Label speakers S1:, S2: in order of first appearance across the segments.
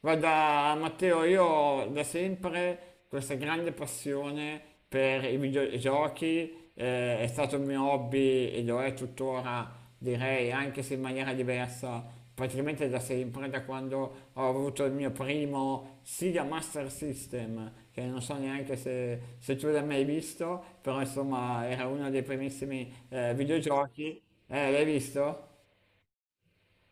S1: Guarda, Matteo, io ho da sempre questa grande passione per i videogiochi, è stato il mio hobby e lo è tuttora, direi, anche se in maniera diversa, praticamente da sempre, da quando ho avuto il mio primo Sega Master System, che non so neanche se tu l'hai mai visto, però insomma era uno dei primissimi videogiochi. L'hai visto?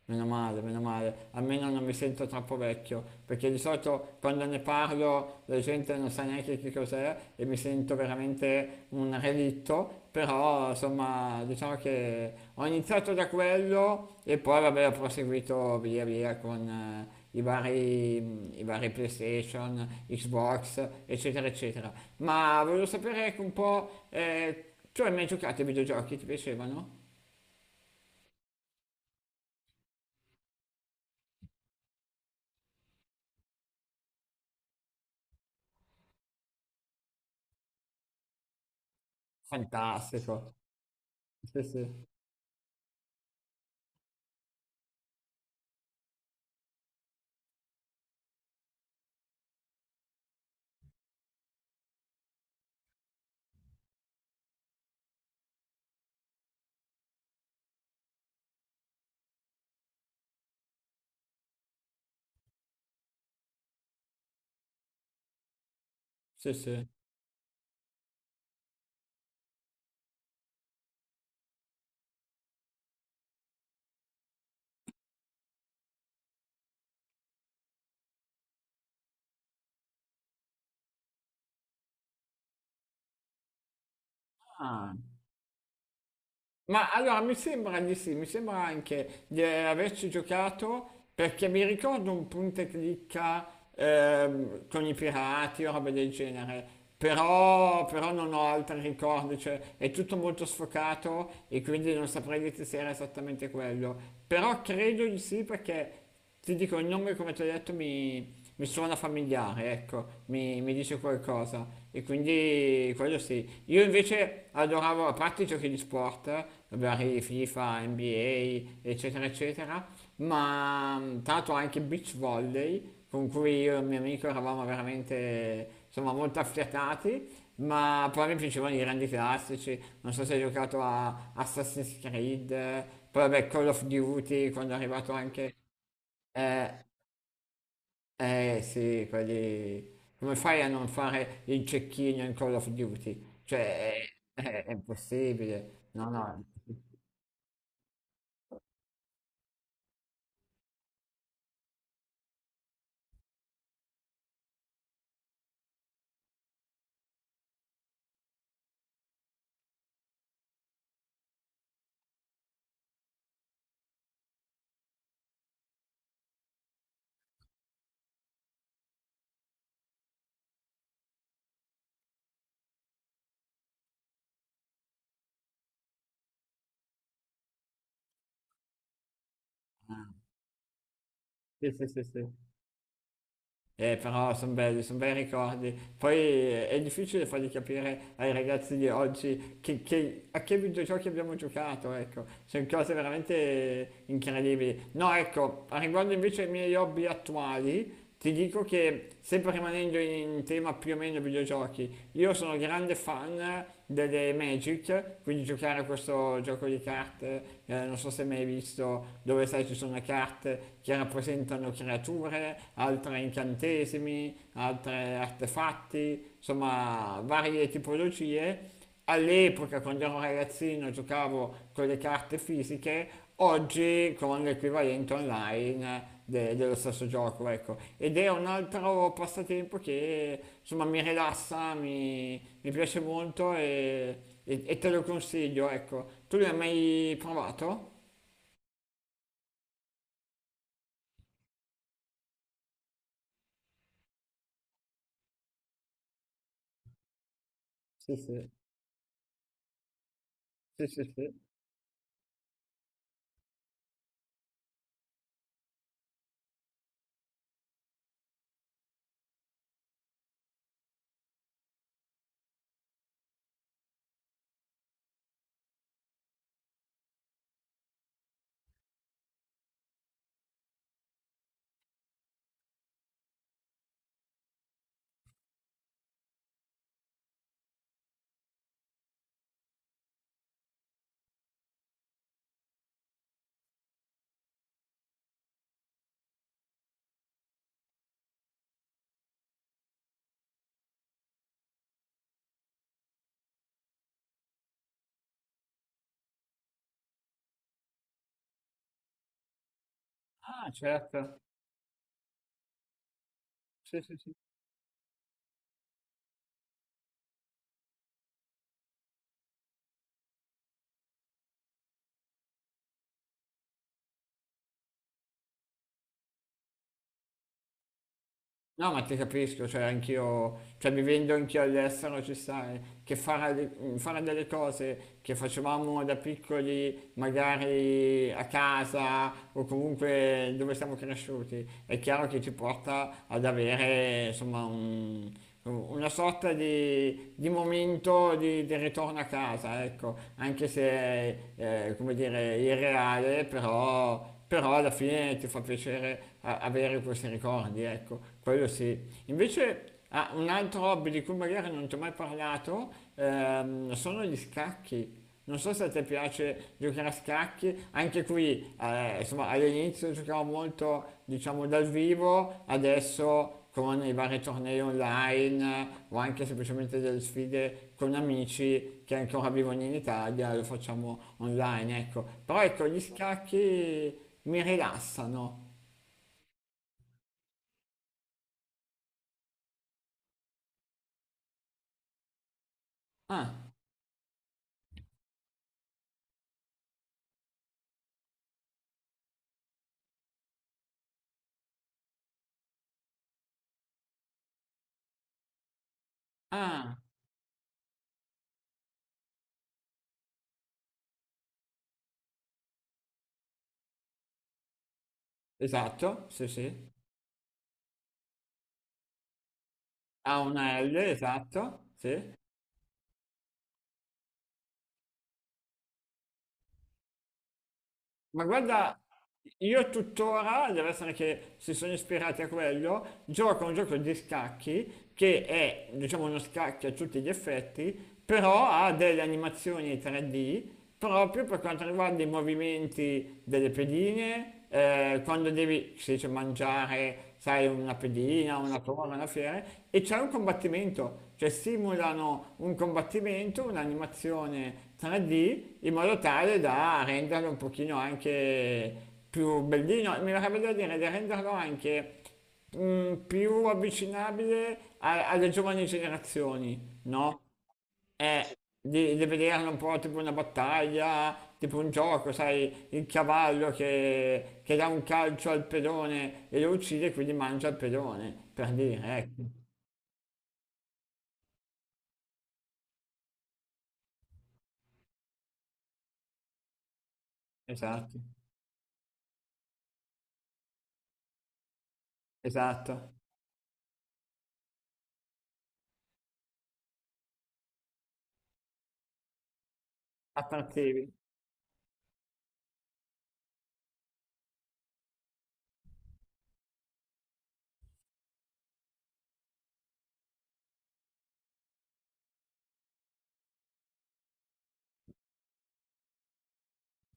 S1: Meno male, almeno non mi sento troppo vecchio, perché di solito quando ne parlo la gente non sa neanche che cos'è e mi sento veramente un relitto, però insomma diciamo che ho iniziato da quello e poi vabbè ho proseguito via via con i vari PlayStation, Xbox, eccetera, eccetera. Ma volevo sapere anche un po', tu hai mai giocato ai videogiochi? Ti piacevano? Fantastico, sì sì, sì sì. Ah, ma allora mi sembra di sì, mi sembra anche di averci giocato perché mi ricordo un punto e clicca con i pirati o roba del genere, però non ho altri ricordi, cioè è tutto molto sfocato e quindi non saprei dire se era esattamente quello, però credo di sì perché ti dico, il nome, come ti ho detto, mi suona familiare, ecco, mi dice qualcosa. E quindi quello sì. Io invece adoravo, a parte i giochi di sport, vari FIFA, NBA, eccetera, eccetera, ma tanto anche beach volley, con cui io e il mio amico eravamo veramente, insomma, molto affiatati. Ma poi mi piacevano i grandi classici, non so se hai giocato a Assassin's Creed, poi vabbè Call of Duty quando è arrivato anche eh, eh sì, quelli... Come fai a non fare il cecchino in Call of Duty? Cioè, è impossibile. No, no. Sì, sì, sì, sì. Però sono belli, sono bei ricordi. Poi è difficile fargli capire ai ragazzi di oggi a che videogiochi abbiamo giocato, ecco. Sono cose veramente incredibili. No, ecco, a riguardo invece ai miei hobby attuali, ti dico che, sempre rimanendo in tema più o meno videogiochi, io sono grande fan delle Magic, quindi giocare a questo gioco di carte, non so se mai hai visto, dove sai ci sono le carte che rappresentano creature, altre incantesimi, altre artefatti, insomma varie tipologie. All'epoca, quando ero ragazzino, giocavo con le carte fisiche, oggi con l'equivalente online dello stesso gioco, ecco. Ed è un altro passatempo che insomma mi rilassa, mi piace molto e te lo consiglio, ecco. Tu l'hai mai provato? Sì, sì, sì, sì, sì. Ah, certo. Sì, sì, sì. No, ma ti capisco, cioè anch'io, cioè vivendo anch'io all'estero ci sai, che fare, fare delle cose che facevamo da piccoli, magari a casa o comunque dove siamo cresciuti, è chiaro che ci porta ad avere insomma una sorta di momento di ritorno a casa, ecco, anche se come dire, irreale, però alla fine ti fa piacere avere questi ricordi, ecco, quello sì. Invece ah, un altro hobby di cui magari non ti ho mai parlato sono gli scacchi. Non so se a te piace giocare a scacchi, anche qui insomma all'inizio giocavo molto diciamo dal vivo, adesso con i vari tornei online o anche semplicemente delle sfide con amici che ancora vivono in Italia, lo facciamo online, ecco. Però ecco, gli scacchi mi rilassano. Ah, ah, esatto, sì, sì. Ha una L, esatto, sì. Ma guarda, io tuttora, deve essere che si sono ispirati a quello, gioco a un gioco di scacchi che è, diciamo, uno scacchi a tutti gli effetti, però ha delle animazioni 3D proprio per quanto riguarda i movimenti delle pedine, quando devi, si dice, mangiare, sai, una pedina, una torre, una fiera, e c'è un combattimento, cioè simulano un combattimento, un'animazione 3D, in modo tale da renderlo un pochino anche più bellino, mi verrebbe da dire di renderlo anche più avvicinabile alle giovani generazioni, no? Di vederlo un po' tipo una battaglia, tipo un gioco, sai, il cavallo che dà un calcio al pedone e lo uccide e quindi mangia il pedone, per dire, ecco, esatto, esatto, attrattivi.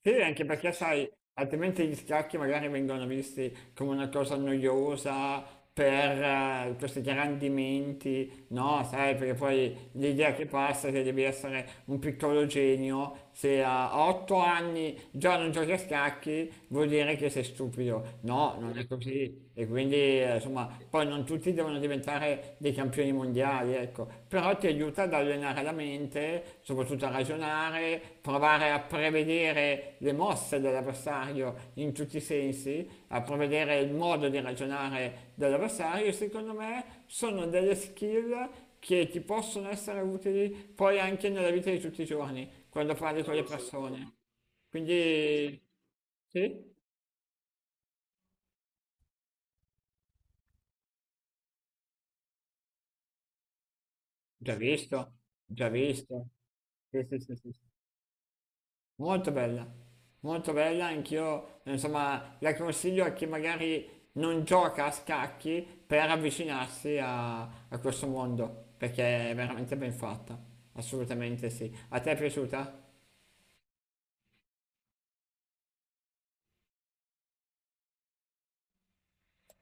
S1: Sì, anche perché sai, altrimenti gli scacchi magari vengono visti come una cosa noiosa per questi grandimenti, no? Sai, perché poi l'idea che passa è che devi essere un piccolo genio, se a 8 anni già non giochi a scacchi vuol dire che sei stupido, no, non è così, e quindi, insomma, poi non tutti devono diventare dei campioni mondiali, ecco, però ti aiuta ad allenare la mente, soprattutto a ragionare, provare a prevedere le mosse dell'avversario in tutti i sensi, a prevedere il modo di ragionare dell'avversario. Secondo me sono delle skill che ti possono essere utili poi anche nella vita di tutti i giorni, quando parli con Sono le assolutamente... persone. Quindi, sì, già visto, già visto. Sì, sì, sì, sì. Sì. Molto bella, molto bella, anch'io, insomma, la consiglio a chi magari non gioca a scacchi per avvicinarsi a questo mondo, perché è veramente ben fatta, assolutamente sì. A te è piaciuta?